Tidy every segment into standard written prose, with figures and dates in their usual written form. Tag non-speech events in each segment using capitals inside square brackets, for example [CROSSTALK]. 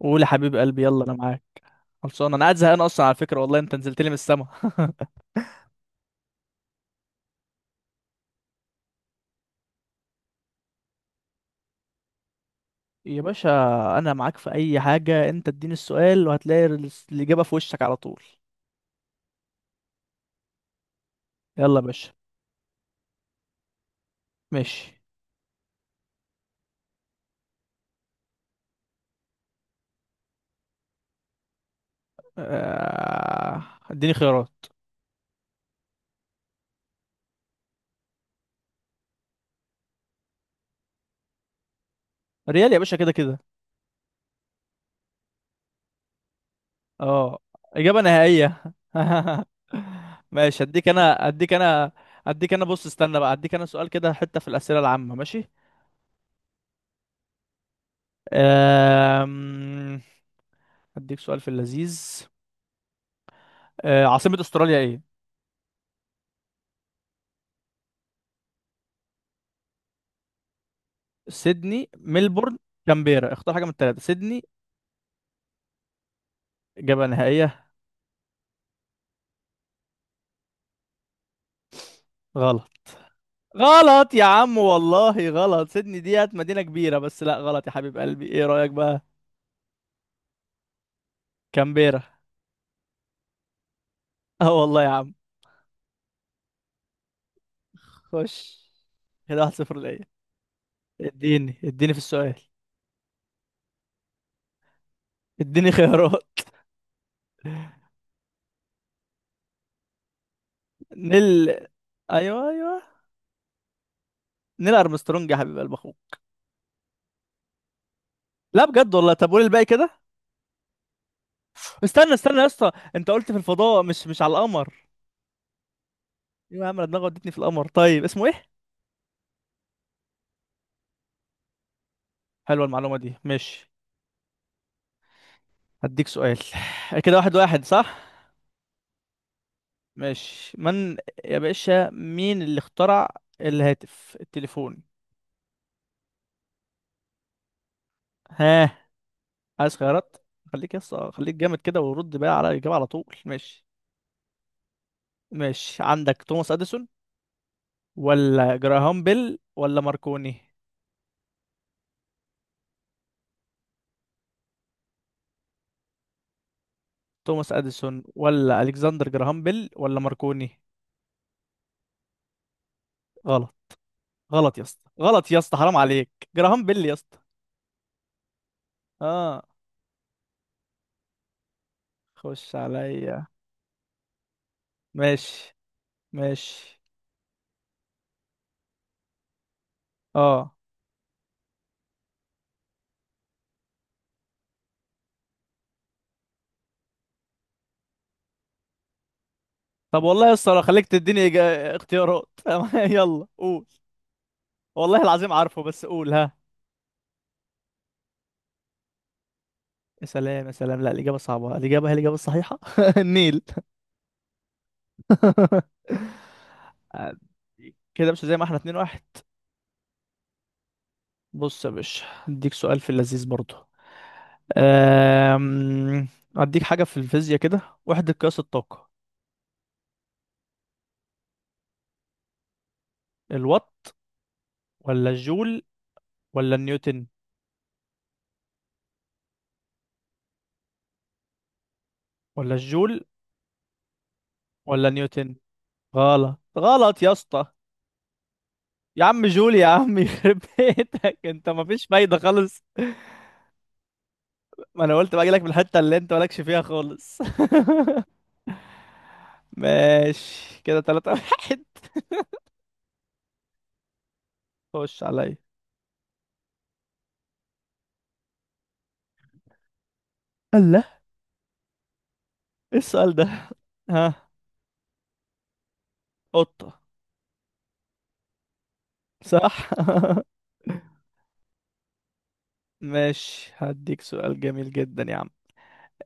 قول يا حبيب قلبي، يلا انا معاك. خلصان، انا قاعد زهقان اصلا على فكره. والله انت نزلت لي من السما يا باشا. انا معاك في اي حاجه، انت اديني السؤال وهتلاقي الاجابه في وشك على طول. يلا يا باشا ماشي. آه، اديني خيارات. ريال يا باشا، كده كده. اه، اجابه نهائيه. [LAUGHS] ماشي. اديك انا بص، استنى بقى، اديك انا سؤال كده حته في الاسئله العامه. ماشي. آم، اديك سؤال في اللذيذ. عاصمه استراليا ايه؟ سيدني، ملبورن، كامبيرا. اختار حاجة من التلاتة. سيدني، إجابة نهائية. غلط. غلط يا عم والله غلط. سيدني ديت مدينة كبيرة بس لا، غلط يا حبيب قلبي. ايه رأيك بقى؟ كامبيرا. [LAUGHS] اه والله يا عم. خش، كده واحد صفر ليا. اديني، اديني في السؤال. اديني خيارات. [LAUGHS] نيل. ايوه ايوه، نيل ارمسترونج يا حبيب قلب اخوك. لا بجد والله. طب قول الباقي كده. استنى يا اسطى، انت قلت في الفضاء، مش على القمر. ايوه يا عم، أنا دماغي ودتني في القمر. طيب اسمه ايه؟ حلوه المعلومه دي، ماشي. هديك سؤال. كده واحد واحد، صح. ماشي. من، يا باشا، مين اللي اخترع الهاتف، التليفون؟ ها؟ عايز خيارات؟ خليك يس، خليك جامد كده ورد بقى على الإجابة على طول. ماشي، ماشي عندك توماس أديسون، ولا جراهام بيل، ولا ماركوني. توماس أديسون، ولا ألكسندر جراهام بيل، ولا ماركوني. غلط. غلط يا اسطى، غلط يا اسطى، حرام عليك. جراهام بيل يا اسطى. اه. خش عليا. ماشي، ماشي. اه طب والله يا اسطى لو خليك تديني اختيارات. [LAUGHS] يلا قول. والله العظيم عارفه بس قول. ها، يا سلام يا سلام. لا الإجابة صعبة، الإجابة هي الإجابة الصحيحة. [LAUGHS] النيل. [LAUGHS] كده مش زي ما احنا، اتنين واحد. بص يا باشا، اديك سؤال في اللذيذ برضه. أم... اديك حاجة في الفيزياء كده، وحدة قياس الطاقة. الوات، ولا الجول، ولا النيوتن. ولا الجول، ولا نيوتن. غلط. غلط يا اسطى. يا عم جولي يا عم. [LAUGHS] يخرب بيتك، انت مفيش فايدة خالص. ما انا قلت باجي لك من الحتة اللي انت مالكش فيها خالص. [LAUGHS] ماشي، كده تلاتة واحد. خش عليا. الله، ايه السؤال ده؟ ها، قطة. صح. [LAUGHS] ماشي، هديك سؤال جميل جدا يا عم.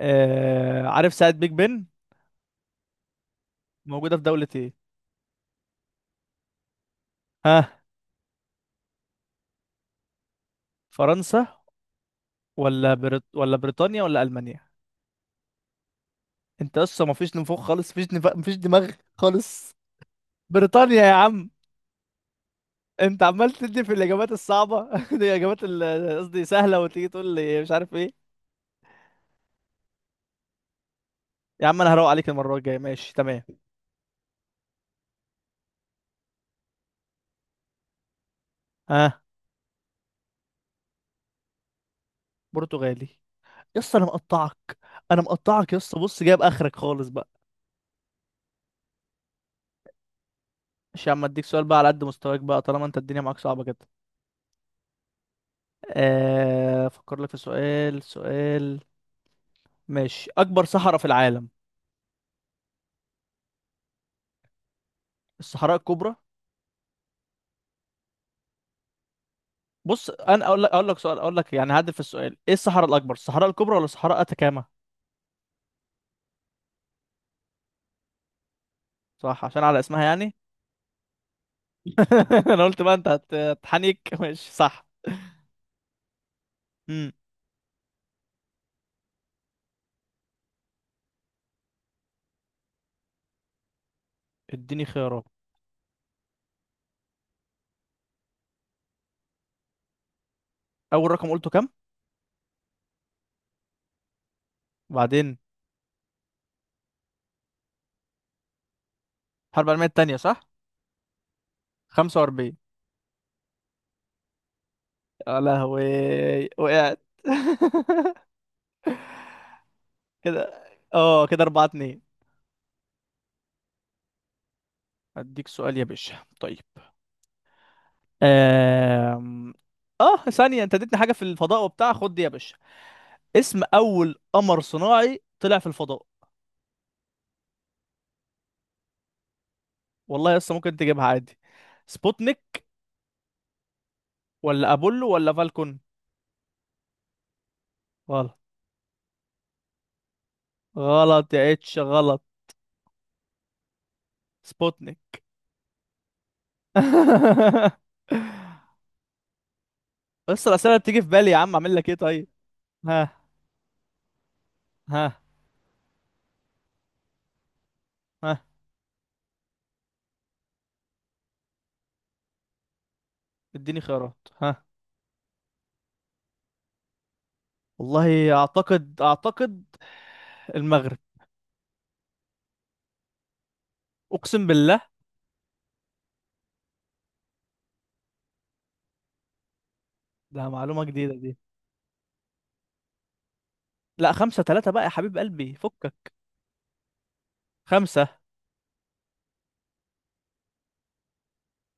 عارف ساعة بيج بن موجودة في دولة ايه؟ ها، فرنسا، ولا بريطانيا، ولا ألمانيا. انت لسه مفيش نفوخ خالص، مفيش دماغ خالص. بريطانيا يا عم. انت عمال تدي في الاجابات الصعبه. [LAUGHS] دي اجابات قصدي سهله وتيجي تقول لي مش عارف ايه. يا عم انا هروق عليك المره الجايه، ماشي تمام؟ ها، برتغالي. يا اسطى انا مقطعك، انا مقطعك يا اسطى. بص جايب اخرك خالص بقى. مش يا عم، اديك سؤال بقى على قد مستواك بقى، طالما انت الدنيا معاك صعبه كده. آه، افكر لك في سؤال، سؤال. ماشي، اكبر صحراء في العالم. الصحراء الكبرى. بص انا اقول لك يعني هعدل في السؤال، ايه الصحراء الاكبر، الصحراء الكبرى ولا صحراء اتاكاما؟ صح، عشان على اسمها يعني. [LAUGHS] انا قلت بقى انت هتحنك. [LAUGHS] ماشي صح. امم، اديني خيارات. اول رقم قلته كام؟ وبعدين؟ الحرب العالميه التانيه، صح. 45. يا لهوي، وقعت. [LAUGHS] كده اه، كده 4-2. اديك سؤال يا باشا، طيب. أم... اه، ثانيه، انت اديتني حاجه في الفضاء وبتاع. خد دي يا باشا، اسم اول قمر صناعي طلع في الفضاء. والله لسه ممكن تجيبها عادي. سبوتنيك، ولا ابولو، ولا فالكون. غلط. غلط يا اتش، غلط. سبوتنيك. [LAUGHS] بس الاسئله بتيجي في بالي يا عم، اعمل لك ايه طيب؟ ها، ها، ها، اديني خيارات. ها، والله اعتقد، اعتقد المغرب. اقسم بالله. ده معلومه جديده دي. لا، خمسة ثلاثة بقى يا حبيب قلبي، فكك. خمسة.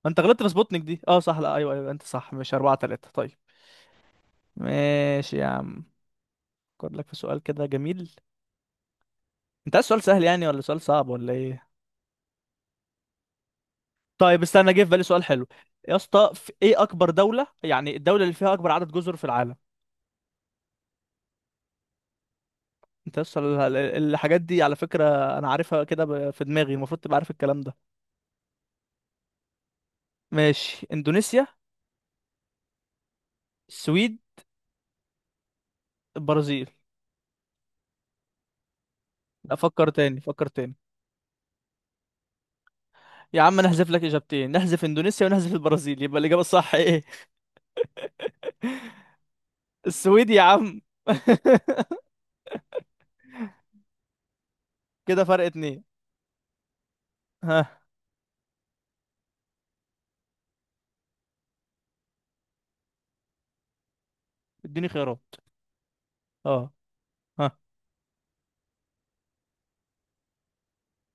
ما انت غلطت في سبوتنيك دي. اه صح، لا ايوه ايوه، انت صح، مش أربعة ثلاثة. طيب ماشي يا عم. افكر لك في سؤال كده جميل. انت عايز سؤال سهل يعني، ولا سؤال صعب، ولا ايه؟ طيب استنى، جه في بالي سؤال حلو. يا اسطى، في ايه اكبر دولة، يعني الدولة اللي فيها اكبر عدد جزر في العالم؟ انت بس الحاجات دي على فكرة انا عارفها كده في دماغي، المفروض تبقى عارف الكلام ده. ماشي، اندونيسيا، السويد، البرازيل. افكر تاني، فكر تاني. يا عم نحذف لك اجابتين، نحذف اندونيسيا ونحذف البرازيل، يبقى الاجابة الصح ايه؟ [LAUGHS] السويد يا عم. [LAUGHS] كده فرق اتنين. ها، اديني خيارات. اه. ها.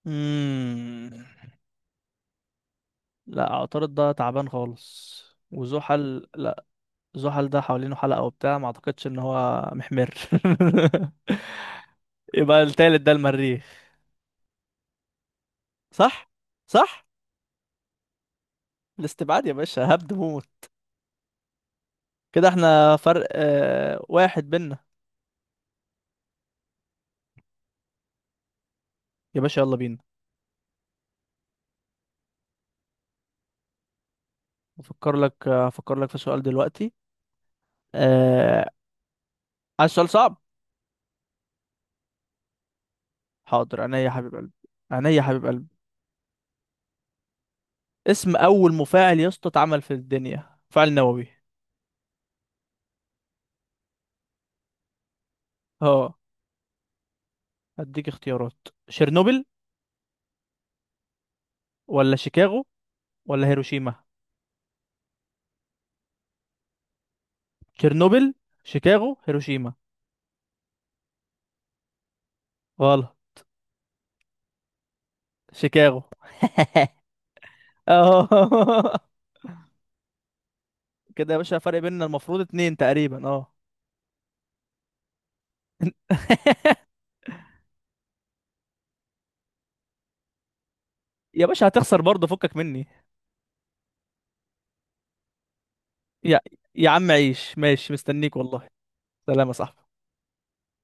مم. لا اعترض، ده تعبان خالص. وزحل لا، زحل ده حوالينه حلقة وبتاع، ما اعتقدش ان هو محمر. [LAUGHS] يبقى التالت ده المريخ. صح، صح. الاستبعاد يا باشا هبد موت. كده احنا فرق آه واحد بينا. يا باشا يلا بينا. افكر لك في سؤال دلوقتي. آه. عايز سؤال صعب. حاضر، عينيا يا حبيب قلبي. عينيا يا حبيب قلبي. اسم اول مفاعل يا اسطى اتعمل في الدنيا، مفاعل نووي. اه. هديك اختيارات، شيرنوبل، ولا شيكاغو، ولا هيروشيما. تشيرنوبل، شيكاغو، هيروشيما. غلط. شيكاغو. [LAUGHS] اه. كده يا باشا فرق بيننا المفروض اتنين تقريبا، اه. [LAUGHS] يا باشا هتخسر برضه، فكك مني. يا يا عم عيش، ماشي مستنيك والله. سلام يا صاحبي.